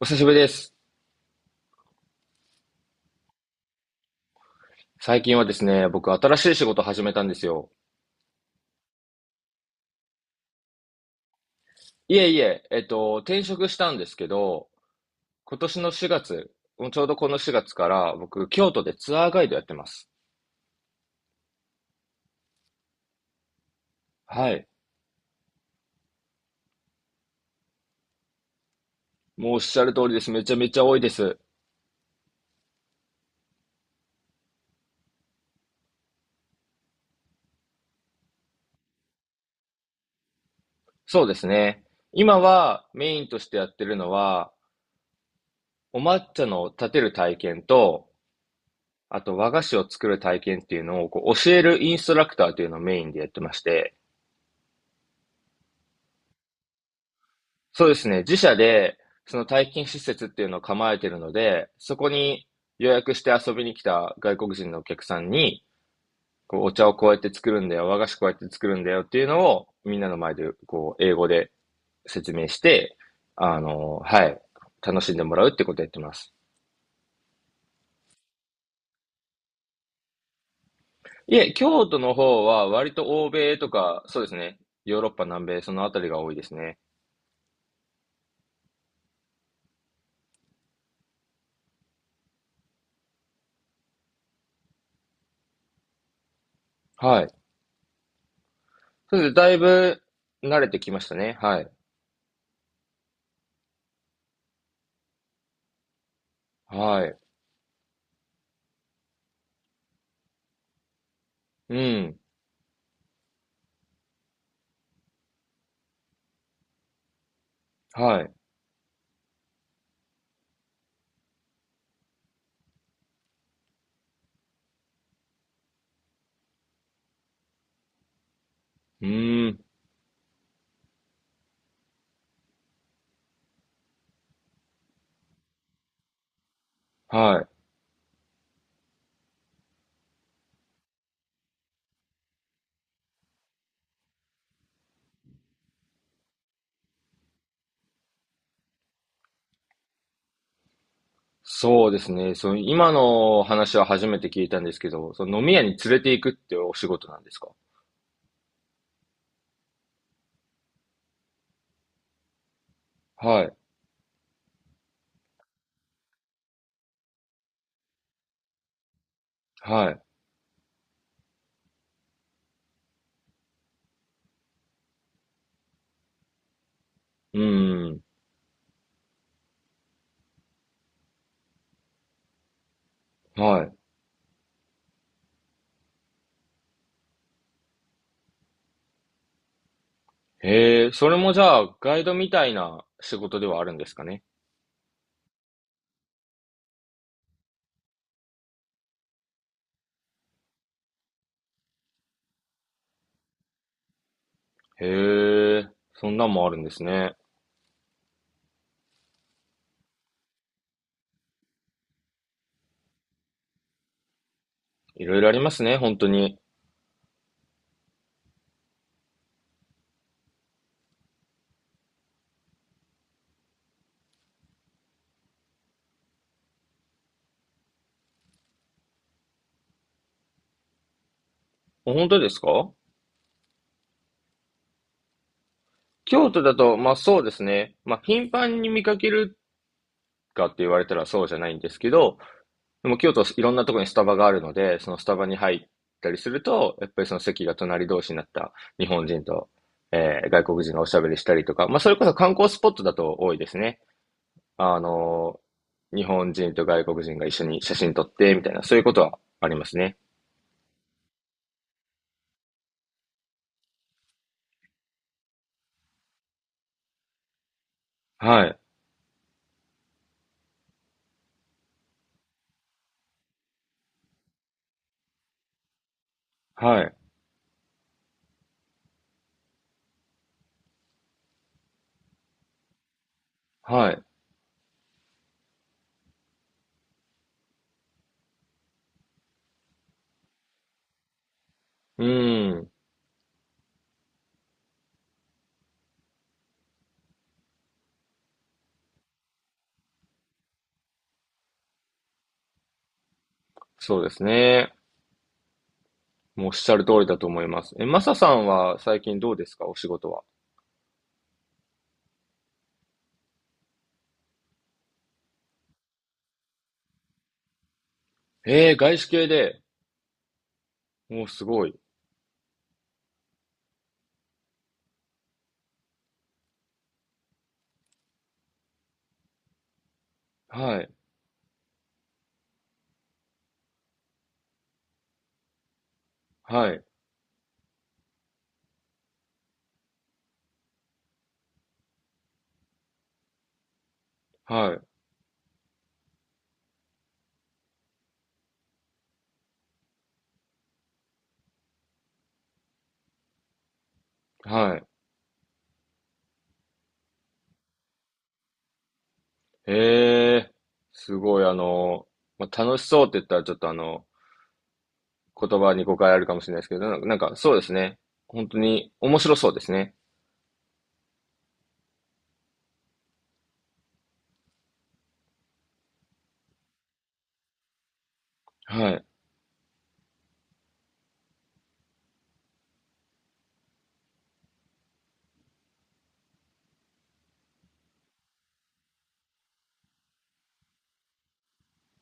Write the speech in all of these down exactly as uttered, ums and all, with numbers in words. お久しぶりです。最近はですね、僕新しい仕事を始めたんですよ。いえいえ、えっと、転職したんですけど、今年のしがつ、もうちょうどこのしがつから僕、京都でツアーガイドやってます。はい。もうおっしゃる通りです。めちゃめちゃ多いです。そうですね。今はメインとしてやってるのは、お抹茶の立てる体験と、あと和菓子を作る体験っていうのをこう教えるインストラクターというのをメインでやってまして、そうですね。自社で、その体験施設っていうのを構えてるので、そこに予約して遊びに来た外国人のお客さんに、こう、お茶をこうやって作るんだよ、和菓子こうやって作るんだよっていうのを、みんなの前で、こう、英語で説明して、あの、はい、楽しんでもらうってことをやってます。いえ、京都の方は割と欧米とか、そうですね。ヨーロッパ、南米、そのあたりが多いですね。はい。そうです。だいぶ慣れてきましたね。はい。はい。うん。はい。うーん。はい。そうですね。その今の話は初めて聞いたんですけど、その飲み屋に連れて行くってお仕事なんですか？はい。はい。うん。はい。へえ、それもじゃあガイドみたいな仕事ではあるんですかね。へえ、そんなんもあるんですね。いろいろありますね、本当に。本当ですか？京都だと、まあそうですね。まあ頻繁に見かけるかって言われたらそうじゃないんですけど、でも京都いろんなところにスタバがあるので、そのスタバに入ったりすると、やっぱりその席が隣同士になった日本人と、えー外国人がおしゃべりしたりとか、まあそれこそ観光スポットだと多いですね。あのー、日本人と外国人が一緒に写真撮ってみたいな、そういうことはありますね。はい、はい、はい。うーん、そうですね。もうおっしゃる通りだと思います。え、マサさんは最近どうですか、お仕事は。えー、外資系で。もうすごい。はい、はい、はい、はい。へえ、すごい、あの、まあ、楽しそうって言ったらちょっとあの、言葉に誤解あるかもしれないですけど、なんか、なんかそうですね。本当に面白そうですね。はい。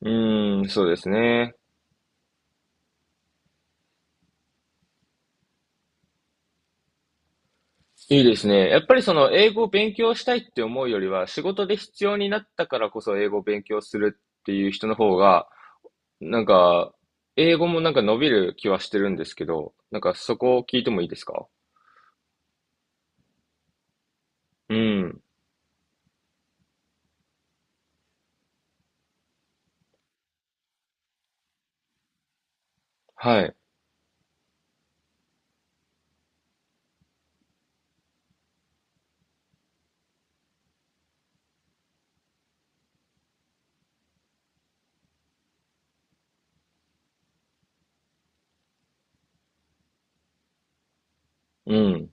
うーん、そうですね。いいですね。やっぱりその英語を勉強したいって思うよりは、仕事で必要になったからこそ英語を勉強するっていう人の方が、なんか、英語もなんか伸びる気はしてるんですけど、なんかそこを聞いてもいいですか？うん。はい。うん。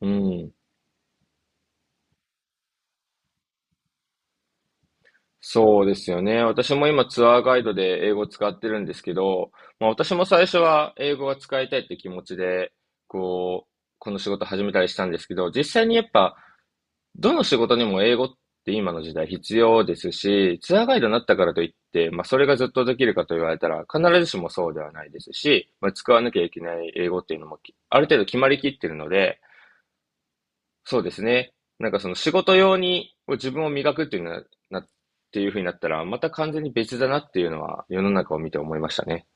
うん。そうですよね。私も今ツアーガイドで英語を使ってるんですけど、まあ、私も最初は英語が使いたいって気持ちで、こう、この仕事始めたりしたんですけど、実際にやっぱ、どの仕事にも英語って今の時代必要ですし、ツアーガイドになったからといって、まあ、それがずっとできるかと言われたら、必ずしもそうではないですし、まあ、使わなきゃいけない英語っていうのもきある程度決まりきってるので、そうですね。なんかその仕事用に自分を磨くっていうのはな、っていうふうになったら、また完全に別だなっていうのは世の中を見て思いましたね。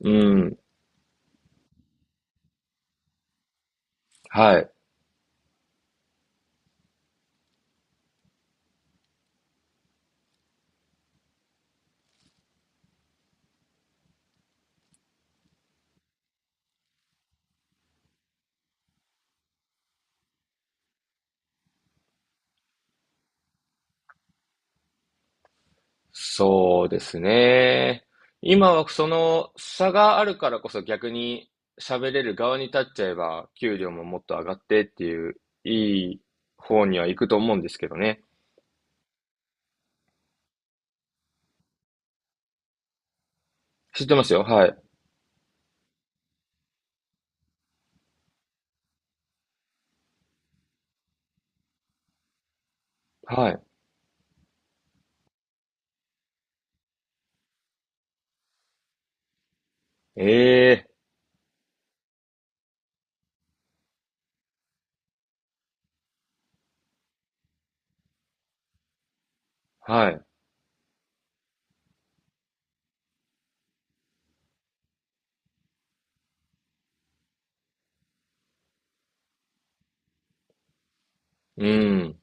うん。はい。そうですね。今はその差があるからこそ逆に喋れる側に立っちゃえば、給料ももっと上がってっていう、いい方には行くと思うんですけどね。知ってますよ。はい。はい。ええ、はい。うん。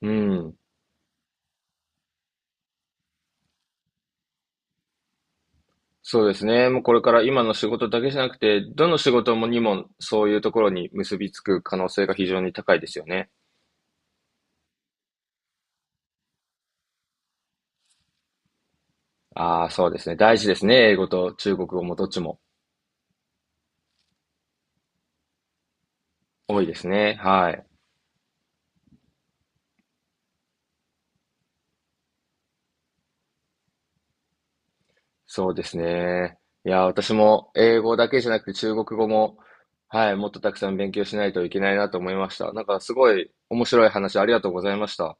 うん。そうですね。もうこれから今の仕事だけじゃなくて、どの仕事もにもそういうところに結びつく可能性が非常に高いですよね。ああ、そうですね。大事ですね。英語と中国語もどっちも多いですね。はい。そうですね。いや、私も英語だけじゃなくて中国語も、はい、もっとたくさん勉強しないといけないなと思いました。なんかすごい面白い話ありがとうございました。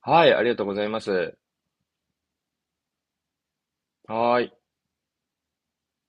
はい、ありがとうございます。はーい。